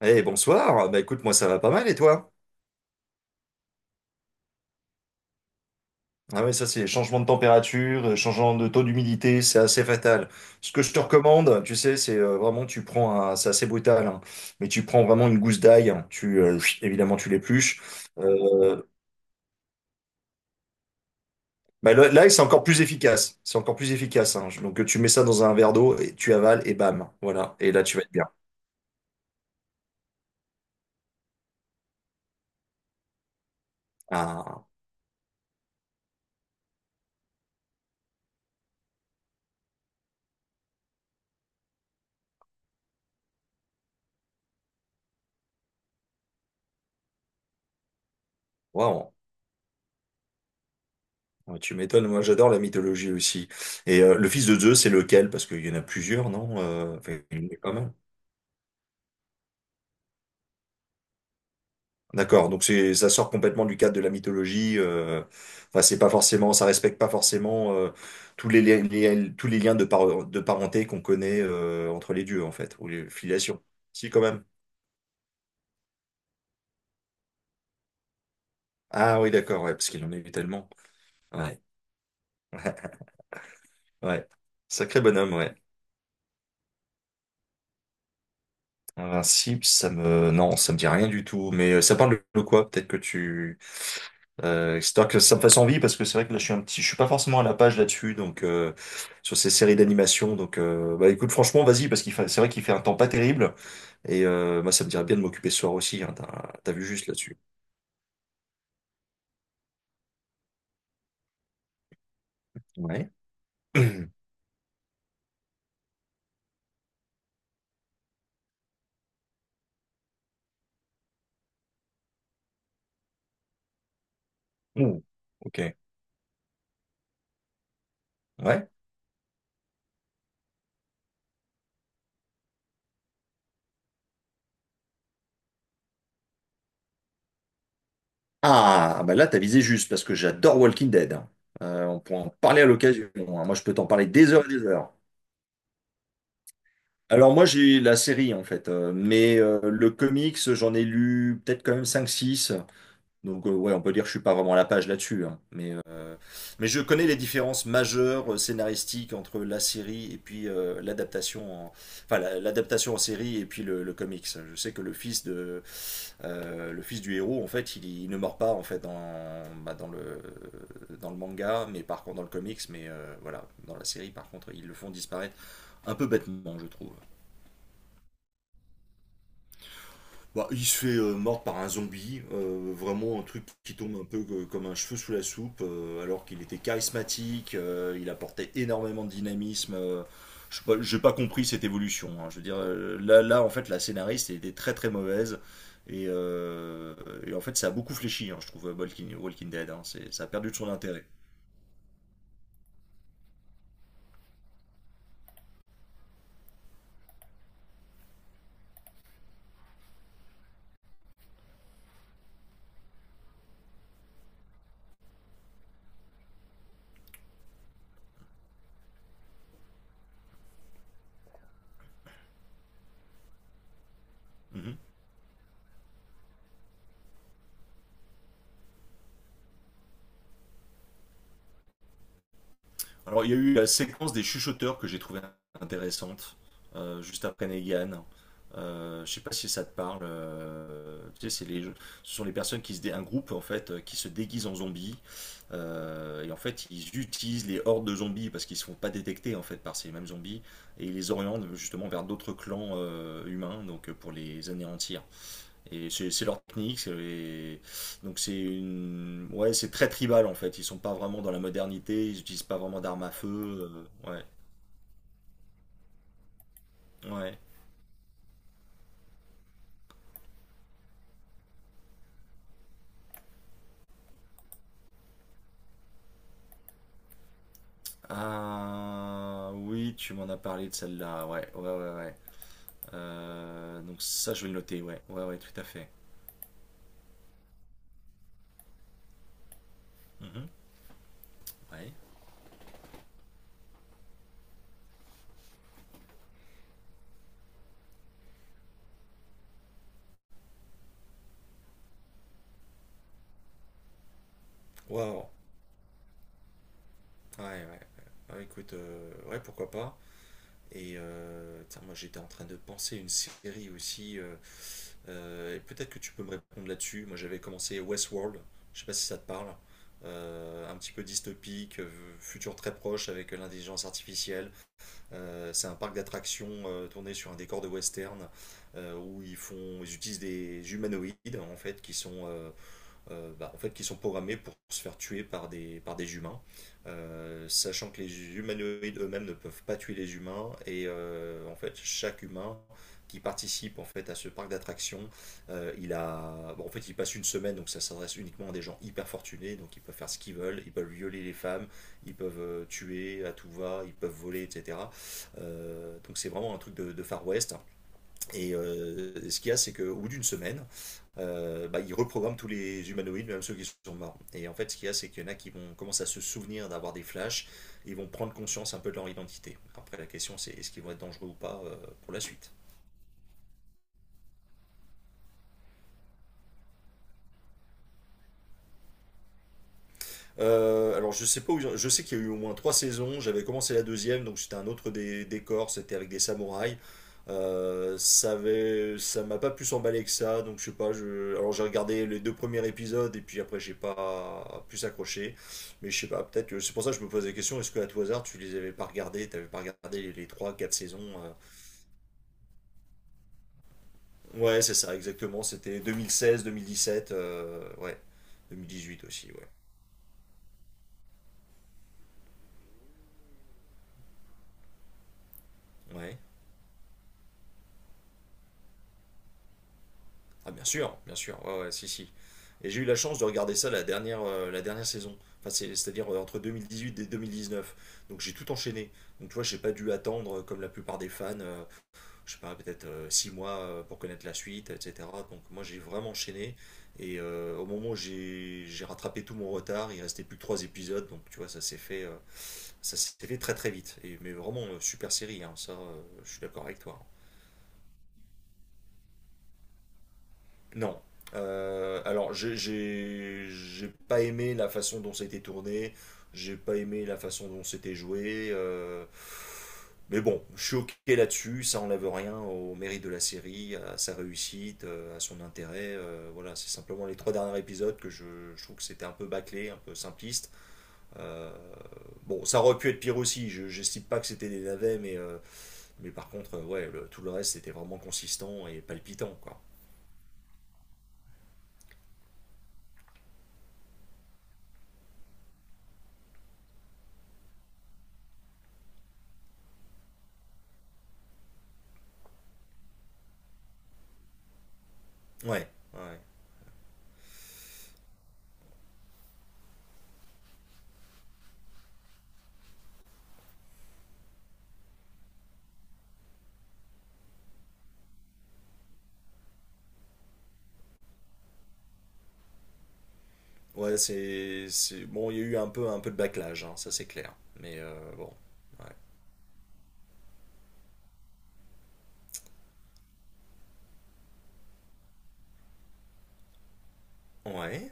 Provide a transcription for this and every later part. Eh bonsoir, bah écoute moi ça va pas mal et toi? Ah oui, ça c'est les changements de température, changement de taux d'humidité, c'est assez fatal. Ce que je te recommande, tu sais, c'est vraiment tu prends un, c'est assez brutal, hein, mais tu prends vraiment une gousse d'ail, hein, tu chut, évidemment tu l'épluches. Euh, bah, l'ail c'est encore plus efficace, c'est encore plus efficace, hein. Donc tu mets ça dans un verre d'eau et tu avales et bam, voilà. Et là tu vas être bien. Ah, waouh. Ouais, tu m'étonnes, moi j'adore la mythologie aussi. Et le fils de Zeus c'est lequel? Parce qu'il y en a plusieurs, non? Enfin, il y en a pas mal. D'accord, donc c'est ça sort complètement du cadre de la mythologie, enfin, c'est pas forcément, ça respecte pas forcément tous les, tous les liens de, de parenté qu'on connaît entre les dieux en fait, ou les filiations. Si quand même. Ah oui, d'accord, ouais, parce qu'il en a eu tellement. Ouais, ouais. Sacré bonhomme, ouais. Invincible, ça me... Non, ça me dit rien du tout. Mais ça parle de quoi? Peut-être que tu... histoire que ça me fasse envie, parce que c'est vrai que là, je suis un petit... Je suis pas forcément à la page là-dessus, donc... sur ces séries d'animation. Donc, bah, écoute, franchement, vas-y, parce qu'il fait... c'est vrai qu'il fait un temps pas terrible. Et moi, ça me dirait bien de m'occuper ce soir aussi, hein, t'as... t'as vu juste là-dessus. Ouais. Ouh, ok. Ouais. Ah, bah là, t'as visé juste, parce que j'adore Walking Dead, hein. On pourra en parler à l'occasion, hein. Moi, je peux t'en parler des heures et des heures. Alors moi j'ai la série en fait, mais le comics j'en ai lu peut-être quand même cinq six, donc ouais on peut dire que je suis pas vraiment à la page là-dessus, hein. Mais, mais je connais les différences majeures scénaristiques entre la série et puis l'adaptation en... enfin l'adaptation en série et puis le comics. Je sais que le fils du héros en fait il ne meurt pas en fait dans, bah, dans le manga, mais par contre dans le comics, mais voilà dans la série par contre ils le font disparaître un peu bêtement je trouve. Bah, il se fait mordre par un zombie, vraiment un truc qui tombe un peu comme un cheveu sous la soupe, alors qu'il était charismatique, il apportait énormément de dynamisme. Je sais pas- j'ai pas compris cette évolution, hein. Je veux dire, en fait, la scénariste elle était très très mauvaise. Et, euh, et en fait, ça a beaucoup fléchi, hein, je trouve, Walking Dead. Hein. Ça a perdu de son intérêt. Mhm. Alors, il y a eu la séquence des chuchoteurs que j'ai trouvée intéressante, juste après Negan. Je sais pas si ça te parle, tu sais, ce sont les personnes qui un groupe en fait qui se déguise en zombies et en fait ils utilisent les hordes de zombies parce qu'ils se font pas détecter en fait par ces mêmes zombies et ils les orientent justement vers d'autres clans humains donc pour les anéantir. Et c'est leur technique, donc c'est une... ouais, c'est très tribal en fait. Ils sont pas vraiment dans la modernité, ils utilisent pas vraiment d'armes à feu, ouais, ouais. Ah oui, tu m'en as parlé de celle-là. Ouais, ouais, ouais, ouais. Donc ça, je vais le noter. Ouais, ouais, ouais, tout à fait. Mhm. Ouais. Waouh. Ouais, ouais. Ouais, écoute, ouais, pourquoi pas. Et tiens, moi j'étais en train de penser une série aussi, et peut-être que tu peux me répondre là-dessus. Moi, j'avais commencé Westworld. Je sais pas si ça te parle. Un petit peu dystopique, futur très proche avec l'intelligence artificielle. C'est un parc d'attractions tourné sur un décor de western où ils font, ils utilisent des humanoïdes en fait qui sont bah, en fait, qui sont programmés pour se faire tuer par des humains, sachant que les humanoïdes eux-mêmes ne peuvent pas tuer les humains, et en fait, chaque humain qui participe en fait à ce parc d'attractions, il a, bon, en fait, il passe une semaine, donc ça s'adresse uniquement à des gens hyper fortunés, donc ils peuvent faire ce qu'ils veulent, ils peuvent violer les femmes, ils peuvent tuer à tout va, ils peuvent voler, etc. Donc c'est vraiment un truc de Far West. Et ce qu'il y a, c'est qu'au bout d'une semaine, bah, ils reprogramment tous les humanoïdes, même ceux qui sont morts. Et en fait, ce qu'il y a, c'est qu'il y en a qui vont commencer à se souvenir d'avoir des flashs, ils vont prendre conscience un peu de leur identité. Après, la question, c'est est-ce qu'ils vont être dangereux ou pas pour la suite. Alors je sais pas où je sais qu'il y a eu au moins trois saisons. J'avais commencé la deuxième, donc c'était un autre décor, c'était avec des samouraïs. Ça avait, ça m'a pas plus emballé que ça, donc je sais pas. Je, alors j'ai regardé les deux premiers épisodes et puis après j'ai pas plus accroché. Mais je sais pas, peut-être que c'est pour ça que je me posais la question. Est-ce que à tout hasard tu les avais pas regardés, t'avais pas regardé les trois, quatre saisons. Ouais, c'est ça, exactement. C'était 2016, 2017, ouais, 2018 aussi, ouais. Ouais. Ah bien sûr, ouais, ouais, si, si. Et j'ai eu la chance de regarder ça la dernière saison, enfin, c'est-à-dire entre huit et 2019. Donc j'ai tout enchaîné. Donc tu vois, j'ai pas dû attendre, comme la plupart des fans, je sais pas, peut-être 6 mois pour connaître la suite, etc. Donc moi j'ai vraiment enchaîné. Et au moment où j'ai rattrapé tout mon retard, il restait plus que 3 épisodes. Donc tu vois, ça s'est fait très très vite. Et, mais vraiment, super série, hein, ça, je suis d'accord avec toi. Non. Alors, j'ai pas aimé la façon dont ça a été tourné, j'ai pas aimé la façon dont c'était joué, mais bon, je suis ok là-dessus, ça enlève rien au mérite de la série, à sa réussite, à son intérêt, voilà, c'est simplement les trois derniers épisodes que je trouve que c'était un peu bâclé, un peu simpliste. Euh, bon, ça aurait pu être pire aussi, je j'estime pas que c'était des navets, mais par contre, ouais, tout le reste c'était vraiment consistant et palpitant, quoi. Ouais, ouais. Ouais, bon, il y a eu un peu de backlash, hein, ça c'est clair. Mais bon, ouais. Ouais,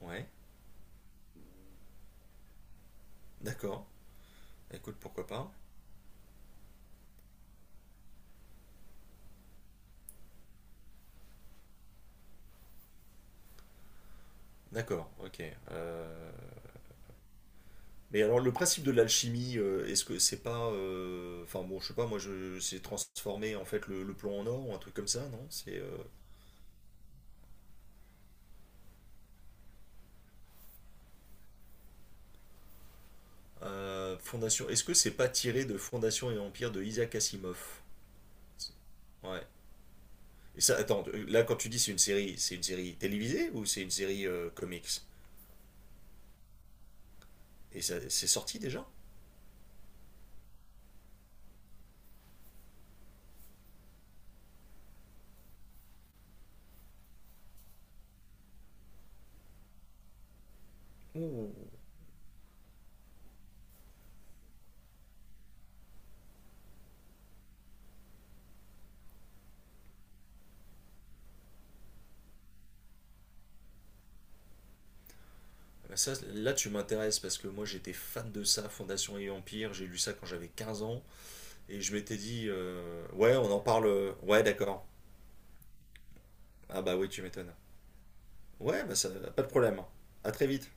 ouais, d'accord. Écoute, pourquoi pas? D'accord, ok. euh, mais alors, le principe de l'alchimie, est-ce que c'est pas... enfin bon, je sais pas, moi, je... c'est transformer en fait le plomb en or ou un truc comme ça, non? C'est... Fondation... Est-ce que c'est pas tiré de Fondation et Empire de Isaac Asimov? C'est- Ouais. Et ça, attends, là, quand tu dis c'est une série télévisée ou c'est une série comics? Et c'est sorti déjà. Ouh. Ça, là, tu m'intéresses parce que moi j'étais fan de ça, Fondation et Empire. J'ai lu ça quand j'avais 15 ans et je m'étais dit, ouais, on en parle, ouais, d'accord. Ah bah oui, tu m'étonnes. Ouais, bah ça, pas de problème. À très vite.